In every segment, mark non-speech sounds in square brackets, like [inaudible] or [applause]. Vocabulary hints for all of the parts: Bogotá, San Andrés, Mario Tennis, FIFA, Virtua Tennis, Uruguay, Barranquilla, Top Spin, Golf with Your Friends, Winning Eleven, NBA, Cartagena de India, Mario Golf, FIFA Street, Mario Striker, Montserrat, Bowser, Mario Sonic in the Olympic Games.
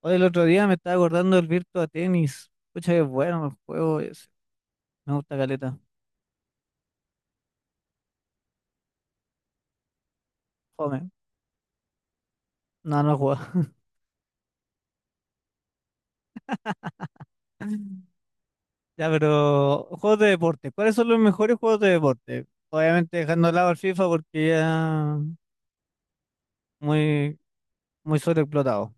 Hoy el otro día me estaba acordando del Virtua Tennis. Pucha, que bueno el juego ese. Me gusta caleta. Joder, no he jugado. [laughs] Ya, pero juegos de deporte. ¿Cuáles son los mejores juegos de deporte? Obviamente dejando de lado el FIFA porque ya muy, muy sobreexplotado.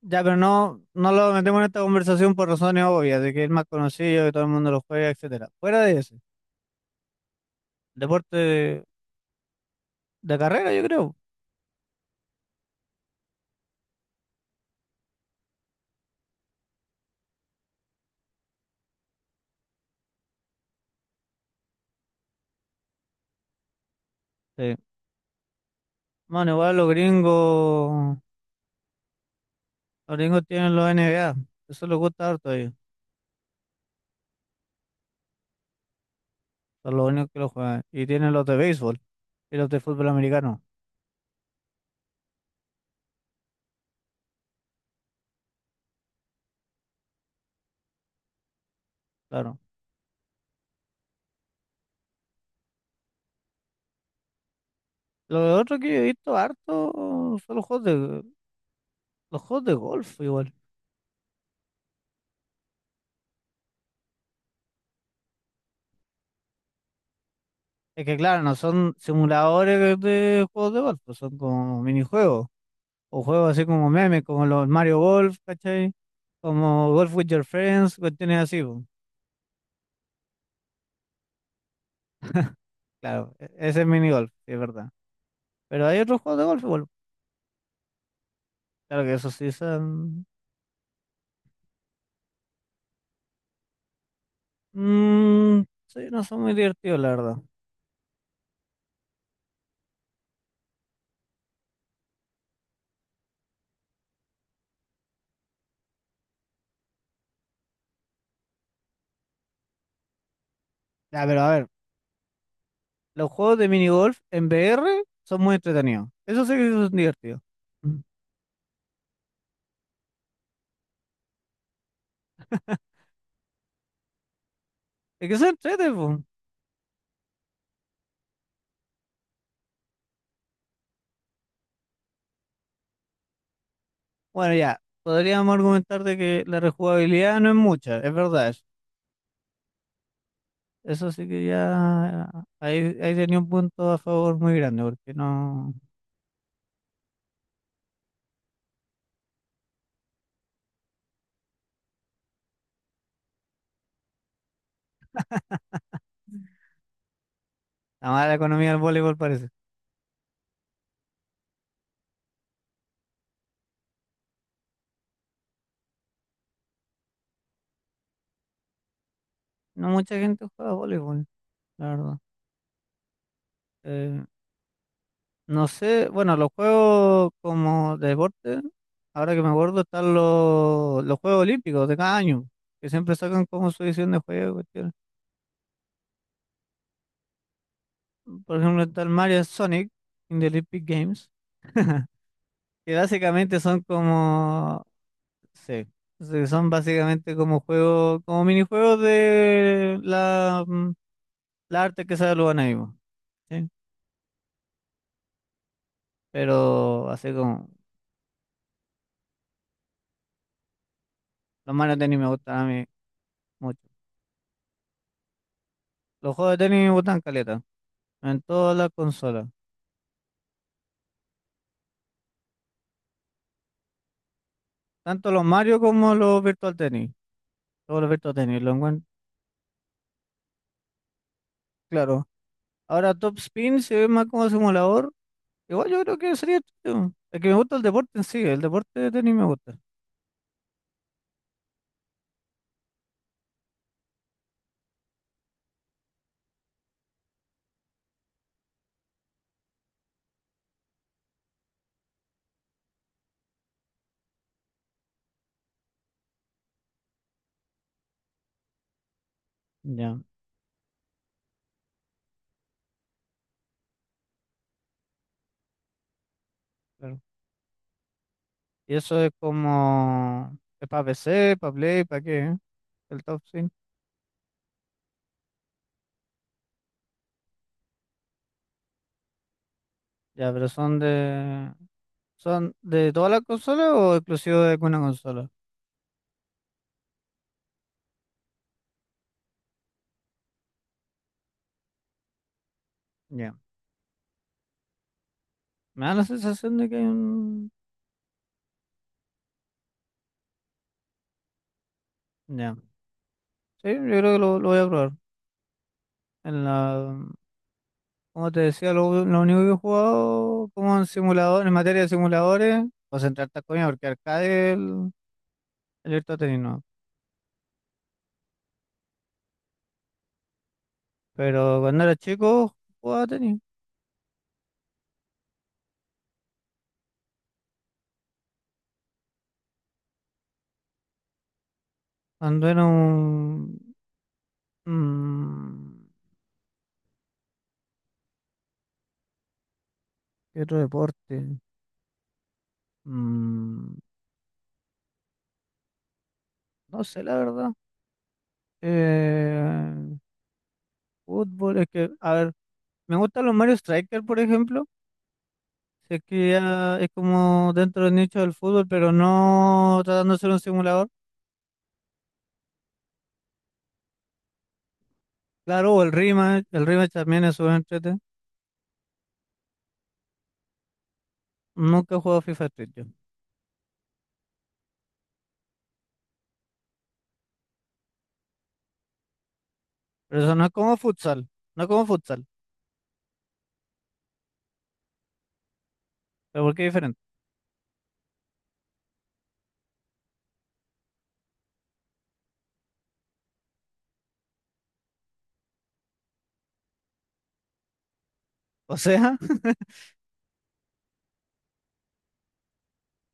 Ya, pero no lo metemos en esta conversación por razones obvias, de que es el más conocido, que todo el mundo lo juega, etcétera. Fuera de ese, deporte de carrera, yo creo. Sí. Bueno, igual los gringos tienen los NBA. Eso les gusta harto ellos. Son los únicos que lo juegan. Y tienen los de béisbol y los de fútbol americano, claro. Lo otro que yo he visto harto son los juegos de golf igual. Es que claro, no son simuladores de juegos de golf, pues son como minijuegos. O juegos así como memes, como los Mario Golf, ¿cachai? Como Golf with Your Friends, cuestiones así, pues. Claro, ese es mini golf, sí, es verdad. Pero hay otros juegos de golf igual. Claro que esos sí son... mm, sí, no son muy divertidos, la verdad. Ya, pero a ver. Los juegos de minigolf en VR son muy entretenidos. Eso sí que son divertidos. Mm. Es que son entrete, po. Bueno, ya. Podríamos argumentar de que la rejugabilidad no es mucha, es verdad. Eso sí que ya ahí tenía un punto a favor muy grande, porque no. La mala economía del voleibol parece. No mucha gente juega voleibol, la verdad. Eh, No sé, bueno, los juegos como de deporte, ahora que me acuerdo, están los Juegos Olímpicos de cada año, que siempre sacan como su edición de juego. Cuestiones. Por ejemplo, está el Mario Sonic in the Olympic Games, que básicamente son como, sí, sí, son básicamente como juegos, como minijuegos de la, la arte que se los ahí, po, ¿sí? Pero así como, los Mario Tennis me gustan a mí mucho. Los juegos de tenis me gustan caleta, en todas las consolas. Tanto los Mario como los Virtual Tennis. Todos los Virtual Tennis lo encuentro. Claro. Ahora Top Spin se ve más como simulador. Igual yo creo que sería chido. Es que me gusta el deporte en sí. El deporte de tenis me gusta. Ya, claro. Y eso es como. Es para PC, para Play, ¿para qué? ¿Eh? El Top Spin. Ya, pero son de. ¿Son de todas las consolas o exclusivo de alguna consola? Ya. Me da la sensación de que hay un. Ya. Sí, yo creo que lo voy a probar. En la. Como te decía, lo único que he jugado como en simulador, en materia de simuladores, concentrarte a coña porque arcade el Virtua Tennis no. Pero cuando era chico jugaba tenis. Cuando era un... mm, ¿qué otro deporte? Mm, no sé, la verdad. Eh, fútbol, es que, a ver, me gustan los Mario Striker, por ejemplo. Sé que ya es como dentro del nicho del fútbol, pero no tratando de ser un simulador. Claro, o el rematch también es súper entretenido. Nunca he jugado FIFA Street yo. Pero eso no es como no es como futsal, pero porque es diferente. O sea, [laughs]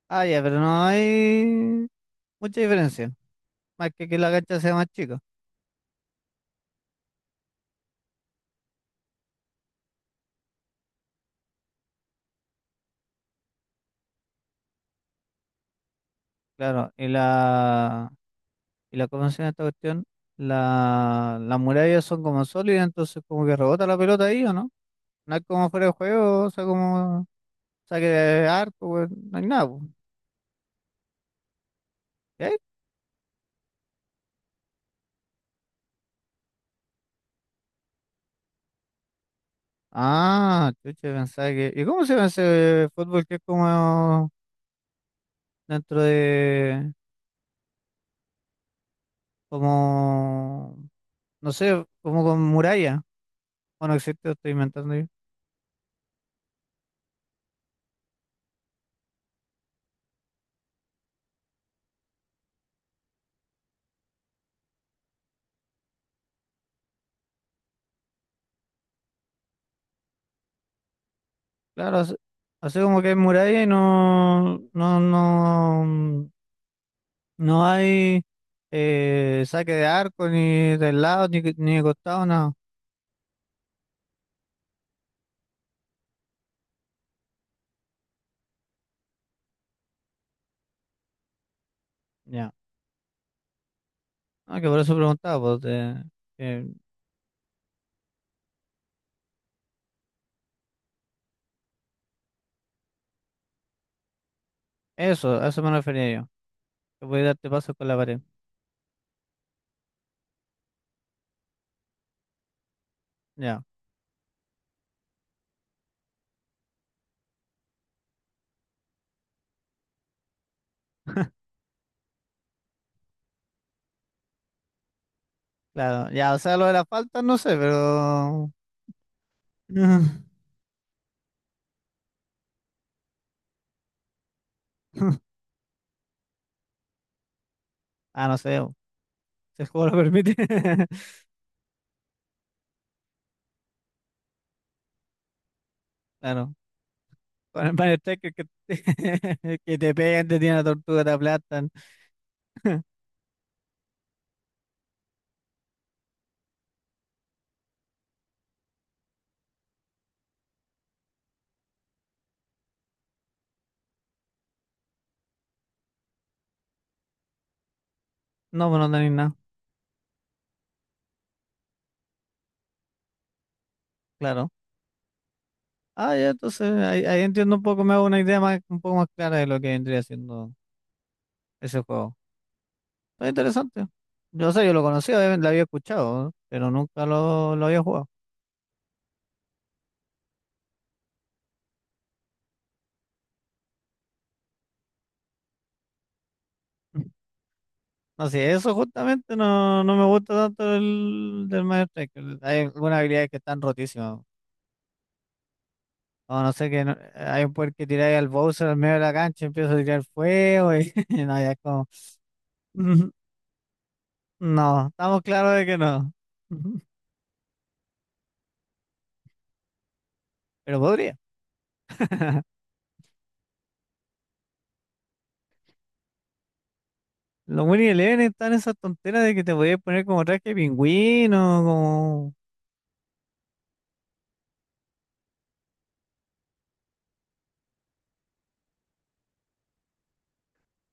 ah, ya, pero no hay mucha diferencia. Más que la cancha sea más chica, claro. Y la, ¿cómo se llama esta cuestión? La, las murallas son como sólidas, entonces como que rebota la pelota ahí, ¿o no? No es como fuera de juego, o sea, como saque de arco, pues, no hay nada, pues. Ah, chucha, pensaba que. ¿Y cómo se ve ese fútbol que es como dentro de. Como. No sé, como con muralla? Bueno, existe, lo estoy inventando yo. Claro, hace como que es muralla y no. No, no. No hay saque de arco, ni del lado, ni de costado, nada. Ya. Ah, que por eso preguntaba, pues. Que- Eso, a eso me refería yo. Que podía darte pasos con la pared. Ya. Claro, ya, o sea, lo de la falta no sé, pero... [laughs] Ah, no sé, si el juego lo permite. [laughs] Claro, con el Mario Striker que, [laughs] que te pegan, te tiran la tortuga, te aplastan. [laughs] No, pues no tenéis nada, claro. Ah, ya, entonces ahí entiendo un poco, me hago una idea más, un poco más clara de lo que vendría siendo ese juego. Está interesante. Yo sé, yo lo conocía, obviamente, lo había escuchado, ¿no? Pero nunca lo había jugado. No sé, eso justamente no me gusta tanto el del Mario Striker. Hay algunas habilidades que están rotísimas. O no sé, que no- hay un poder que tiráis al Bowser al medio de la cancha y empieza a tirar fuego y, [laughs] y no, ya es como... [laughs] No, estamos claros de que no. [laughs] Pero podría. [laughs] Los Winning Eleven están esas tonteras de que te podías poner como traje de pingüino, como...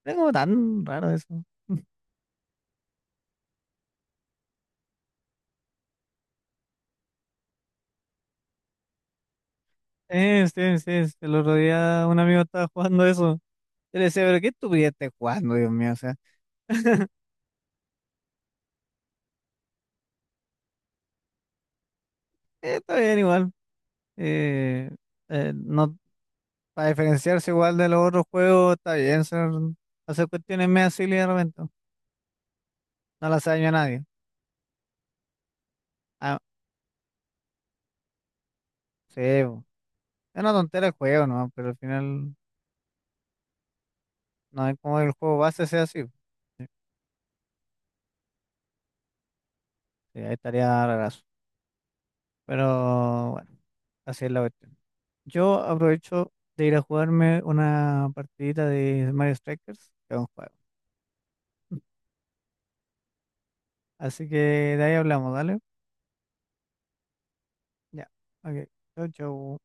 Es como tan raro eso. Sí, sí, sí, el otro día un amigo estaba jugando eso. Yo le decía, pero qué estupidez estás jugando, Dios mío. Está bien igual. Eh, no, para diferenciarse igual de los otros juegos, está bien hacer cuestiones medio silly de repente. No las hace daño a nadie. Ah, sí, po. Es una tontera el juego, ¿no? Pero al final no es como el juego base sea así. Sí, ahí estaría rarazo. Pero bueno, así es la cuestión. Yo aprovecho de ir a jugarme una partidita de Mario Strikers, que es un juego. [laughs] Así que de ahí hablamos, ¿dale? Ya. Ok. Chau, chau.